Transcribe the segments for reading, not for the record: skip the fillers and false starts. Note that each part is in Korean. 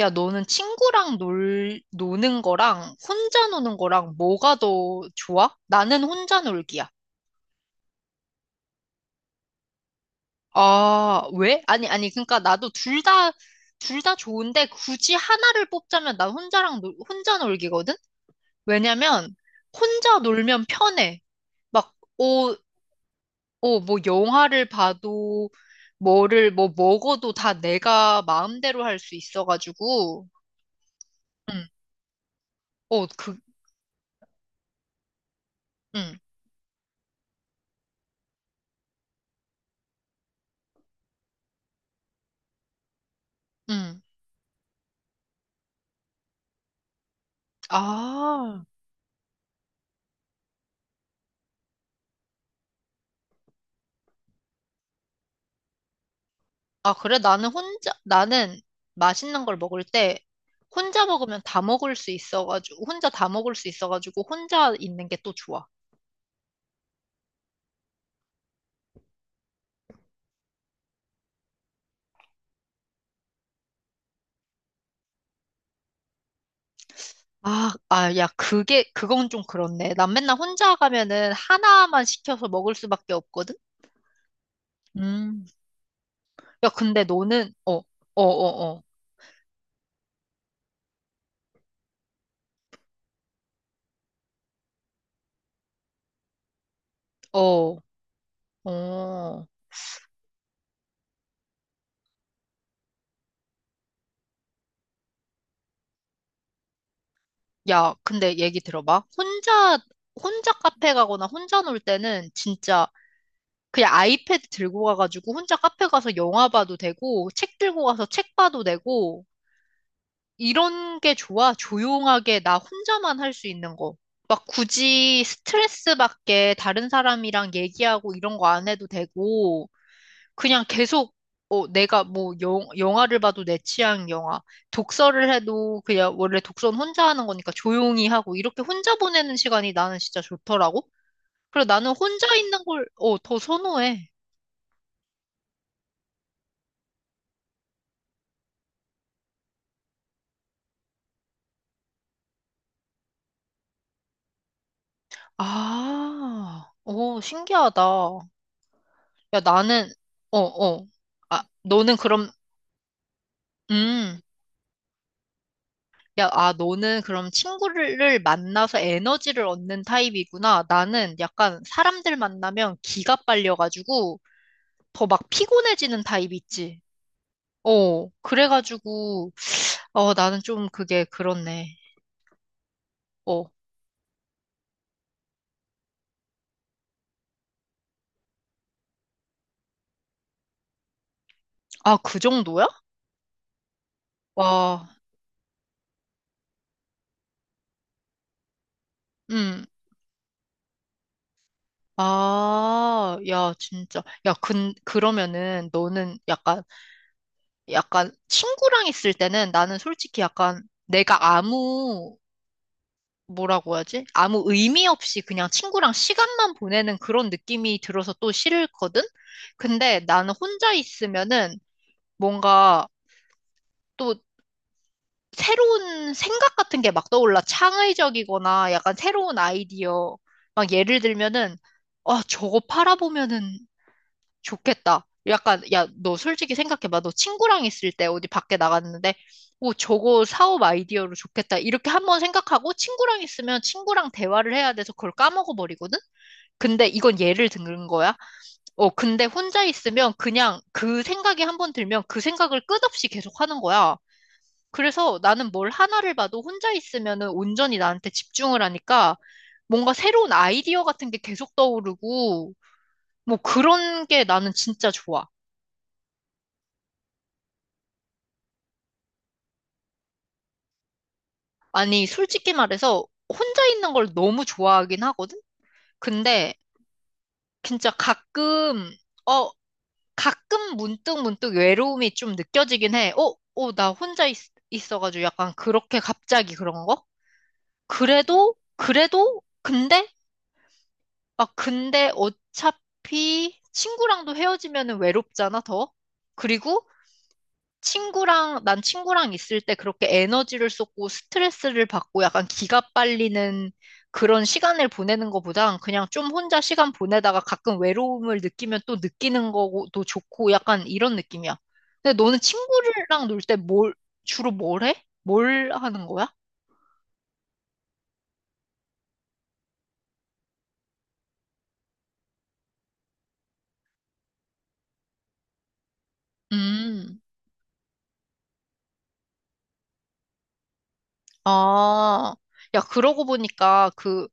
야, 너는 친구랑 노는 거랑 혼자 노는 거랑 뭐가 더 좋아? 나는 혼자 놀기야. 아, 왜? 아니, 아니, 그러니까 나도 둘 다, 둘 다 좋은데 굳이 하나를 뽑자면 난 혼자 놀기거든? 왜냐면 혼자 놀면 편해. 막, 뭐 영화를 봐도 뭐 먹어도 다 내가 마음대로 할 수 있어가지고. 응, 어, 그, 응, 응. 아. 아, 그래? 나는 맛있는 걸 먹을 때 혼자 먹으면 다 먹을 수 있어가지고, 혼자 다 먹을 수 있어가지고, 혼자 있는 게 또 좋아. 야, 그건 좀 그렇네. 난 맨날 혼자 가면은 하나만 시켜서 먹을 수밖에 없거든? 음. 야, 근데 너는. 어, 어, 어, 어. 야, 근데 얘기 들어봐. 혼자 카페 가거나 혼자 놀 때는 진짜 그냥 아이패드 들고 가가지고 혼자 카페 가서 영화 봐도 되고, 책 들고 가서 책 봐도 되고, 이런 게 좋아. 조용하게 나 혼자만 할 수 있는 거. 막 굳이 스트레스 받게 다른 사람이랑 얘기하고 이런 거 안 해도 되고, 그냥 계속, 내가 뭐 영화를 봐도 내 취향 영화, 독서를 해도 그냥 원래 독서는 혼자 하는 거니까 조용히 하고, 이렇게 혼자 보내는 시간이 나는 진짜 좋더라고. 그리고 나는 혼자 있는 걸, 더 선호해. 아, 오, 신기하다. 야. 나는, 어, 어. 아, 너는 그럼, 음, 너는 그럼 친구를 만나서 에너지를 얻는 타입이구나. 나는 약간 사람들 만나면 기가 빨려가지고 더 막 피곤해지는 타입 있지. 그래가지고, 나는 좀 그게 그렇네. 어, 아, 그 정도야? 와, 음. 아, 야, 진짜. 야, 그러면은 너는 약간 친구랑 있을 때는 나는 솔직히 약간 내가 아무 뭐라고 해야지? 아무 의미 없이 그냥 친구랑 시간만 보내는 그런 느낌이 들어서 또 싫거든? 근데 나는 혼자 있으면은 뭔가 또 새로운 생각 같은 게 막 떠올라. 창의적이거나 약간 새로운 아이디어. 막 예를 들면은, 아, 저거 팔아보면은 좋겠다. 약간, 야, 너 솔직히 생각해봐. 너 친구랑 있을 때 어디 밖에 나갔는데, 오, 저거 사업 아이디어로 좋겠다. 이렇게 한번 생각하고 친구랑 있으면 친구랑 대화를 해야 돼서 그걸 까먹어버리거든? 근데 이건 예를 든 거야. 근데 혼자 있으면 그냥 그 생각이 한번 들면 그 생각을 끝없이 계속 하는 거야. 그래서 나는 뭘 하나를 봐도 혼자 있으면은 온전히 나한테 집중을 하니까 뭔가 새로운 아이디어 같은 게 계속 떠오르고, 뭐 그런 게 나는 진짜 좋아. 아니, 솔직히 말해서 혼자 있는 걸 너무 좋아하긴 하거든? 근데 진짜 어, 가끔 문득 문득 외로움이 좀 느껴지긴 해. 나 혼자 있어가지고 약간 그렇게 갑자기 그런 거? 그래도. 아, 근데 어차피 친구랑도 헤어지면 외롭잖아, 더? 그리고 난 친구랑 있을 때 그렇게 에너지를 쏟고 스트레스를 받고 약간 기가 빨리는 그런 시간을 보내는 것보단 그냥 좀 혼자 시간 보내다가 가끔 외로움을 느끼면 또 느끼는 거고 또 좋고 약간 이런 느낌이야. 근데 너는 친구랑 놀 때 주로 뭘 해? 뭘 하는 거야? 음, 아, 야, 그러고 보니까 그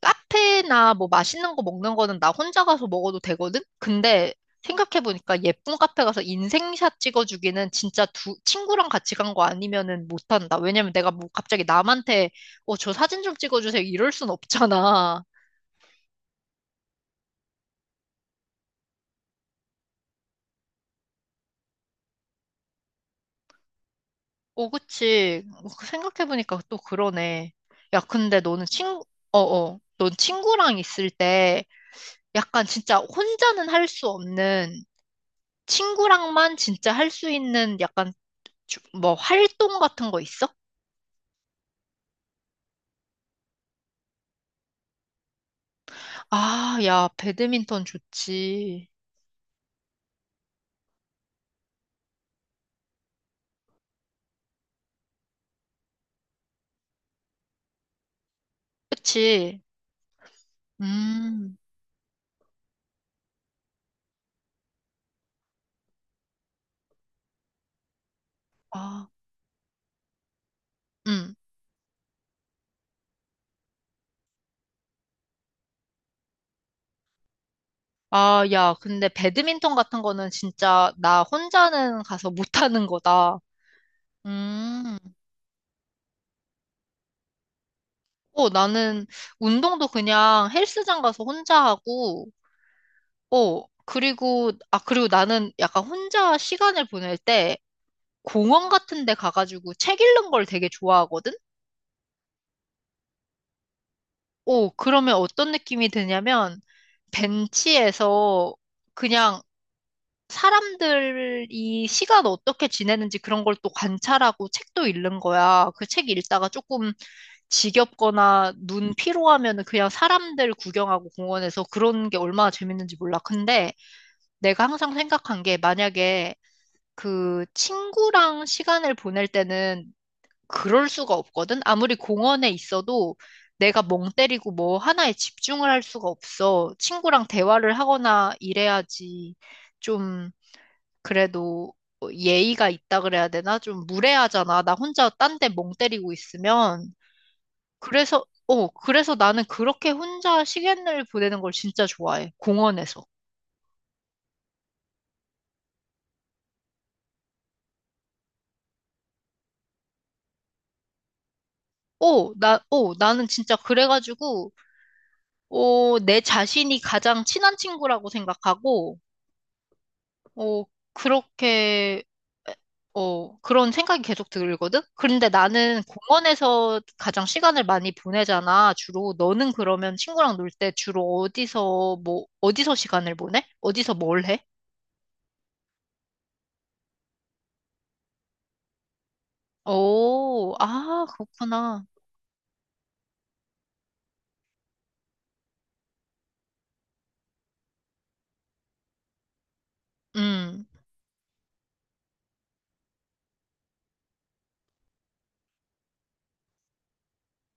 카페나 뭐 맛있는 거 먹는 거는 나 혼자 가서 먹어도 되거든? 근데 생각해보니까 예쁜 카페 가서 인생샷 찍어주기는 진짜 친구랑 같이 간 거 아니면은 못한다. 왜냐면 내가 뭐 갑자기 남한테, 저 사진 좀 찍어주세요. 이럴 순 없잖아. 그치. 그 생각해보니까 또 그러네. 야, 근데 너는. 친, 어, 어. 넌 친구랑 있을 때 약간 진짜 혼자는 할 수 없는 친구랑만 진짜 할 수 있는 약간 뭐 활동 같은 거 있어? 아, 야, 배드민턴 좋지. 그치? 음, 아, 음. 아, 야, 근데 배드민턴 같은 거는 진짜 나 혼자는 가서 못하는 거다. 음. 나는 운동도 그냥 헬스장 가서 혼자 하고, 그리고 나는 약간 혼자 시간을 보낼 때 공원 같은 데 가가지고 책 읽는 걸 되게 좋아하거든? 오, 그러면 어떤 느낌이 드냐면, 벤치에서 그냥 사람들이 시간 어떻게 지내는지 그런 걸 또 관찰하고 책도 읽는 거야. 그 책 읽다가 조금 지겹거나 눈 피로하면은 그냥 사람들 구경하고 공원에서 그런 게 얼마나 재밌는지 몰라. 근데 내가 항상 생각한 게 만약에 그 친구랑 시간을 보낼 때는 그럴 수가 없거든. 아무리 공원에 있어도 내가 멍 때리고 뭐 하나에 집중을 할 수가 없어. 친구랑 대화를 하거나 이래야지 좀 그래도 예의가 있다 그래야 되나? 좀 무례하잖아. 나 혼자 딴데 멍 때리고 있으면. 그래서 나는 그렇게 혼자 시간을 보내는 걸 진짜 좋아해. 공원에서. 나는 진짜 그래가지고, 내 자신이 가장 친한 친구라고 생각하고, 어, 그렇게, 그런 생각이 계속 들거든? 그런데 나는 공원에서 가장 시간을 많이 보내잖아, 주로. 너는 그러면 친구랑 놀 때 주로 어디서 시간을 보내? 어디서 뭘 해? 오, 아, 그렇구나. 음,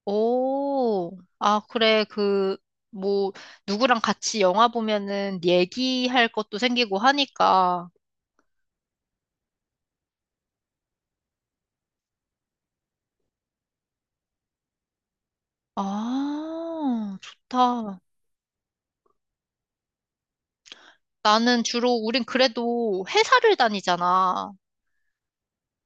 오, 아, 그래, 뭐, 누구랑 같이 영화 보면은 얘기할 것도 생기고 하니까. 아, 좋다. 우린 그래도 회사를 다니잖아.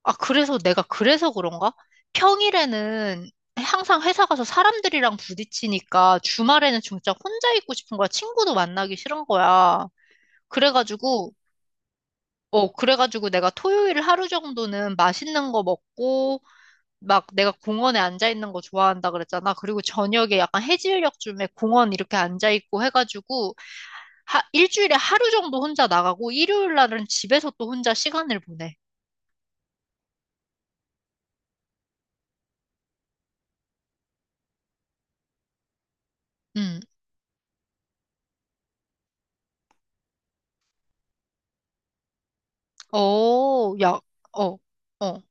아, 그래서 내가 그래서 그런가? 평일에는 항상 회사 가서 사람들이랑 부딪히니까 주말에는 진짜 혼자 있고 싶은 거야. 친구도 만나기 싫은 거야. 그래가지고, 그래가지고 내가 토요일 하루 정도는 맛있는 거 먹고, 막 내가 공원에 앉아 있는 거 좋아한다 그랬잖아. 그리고 저녁에 약간 해질녘쯤에 공원 이렇게 앉아 있고 해가지고, 하, 일주일에 하루 정도 혼자 나가고 일요일 날은 집에서 또 혼자 시간을 보내. 음. 야, 어, 어.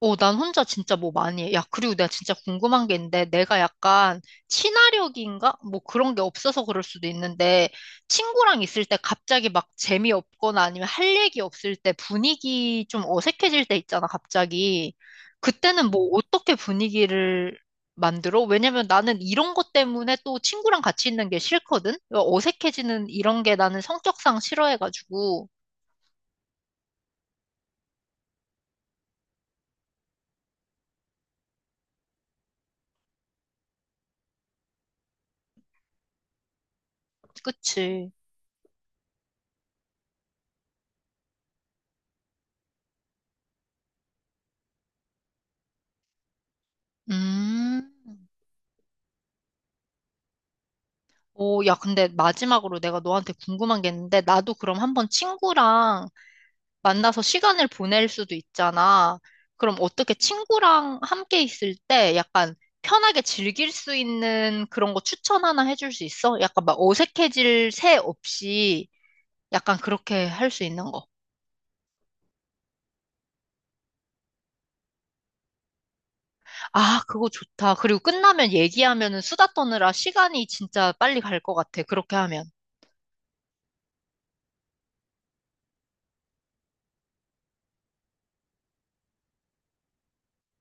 난 혼자 진짜 뭐 많이 해. 야, 그리고 내가 진짜 궁금한 게 있는데, 내가 약간 친화력인가? 뭐 그런 게 없어서 그럴 수도 있는데, 친구랑 있을 때 갑자기 막 재미없거나 아니면 할 얘기 없을 때 분위기 좀 어색해질 때 있잖아, 갑자기. 그때는 뭐 어떻게 분위기를 만들어? 왜냐면 나는 이런 것 때문에 또 친구랑 같이 있는 게 싫거든? 어색해지는 이런 게 나는 성격상 싫어해가지고. 그치. 음. 오, 야, 근데 마지막으로 내가 너한테 궁금한 게 있는데, 나도 그럼 한번 친구랑 만나서 시간을 보낼 수도 있잖아. 그럼 어떻게 친구랑 함께 있을 때 약간 편하게 즐길 수 있는 그런 거 추천 하나 해줄 수 있어? 약간 막 어색해질 새 없이 약간 그렇게 할 수 있는 거. 아, 그거 좋다. 그리고 끝나면 얘기하면은 수다 떠느라 시간이 진짜 빨리 갈 것 같아. 그렇게 하면.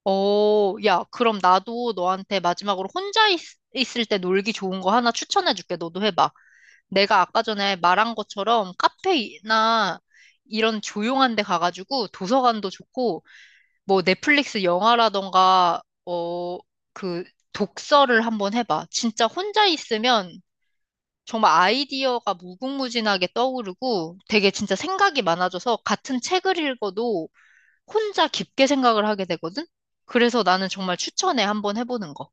야, 그럼 나도 너한테 마지막으로 혼자 을때 놀기 좋은 거 하나 추천해줄게. 너도 해봐. 내가 아까 전에 말한 것처럼 카페나 이런 조용한 데 가가지고 도서관도 좋고, 뭐 넷플릭스 영화라던가, 그 독서를 한번 해봐. 진짜 혼자 있으면 정말 아이디어가 무궁무진하게 떠오르고 되게 진짜 생각이 많아져서 같은 책을 읽어도 혼자 깊게 생각을 하게 되거든? 그래서 나는 정말 추천해. 한번 해보는 거.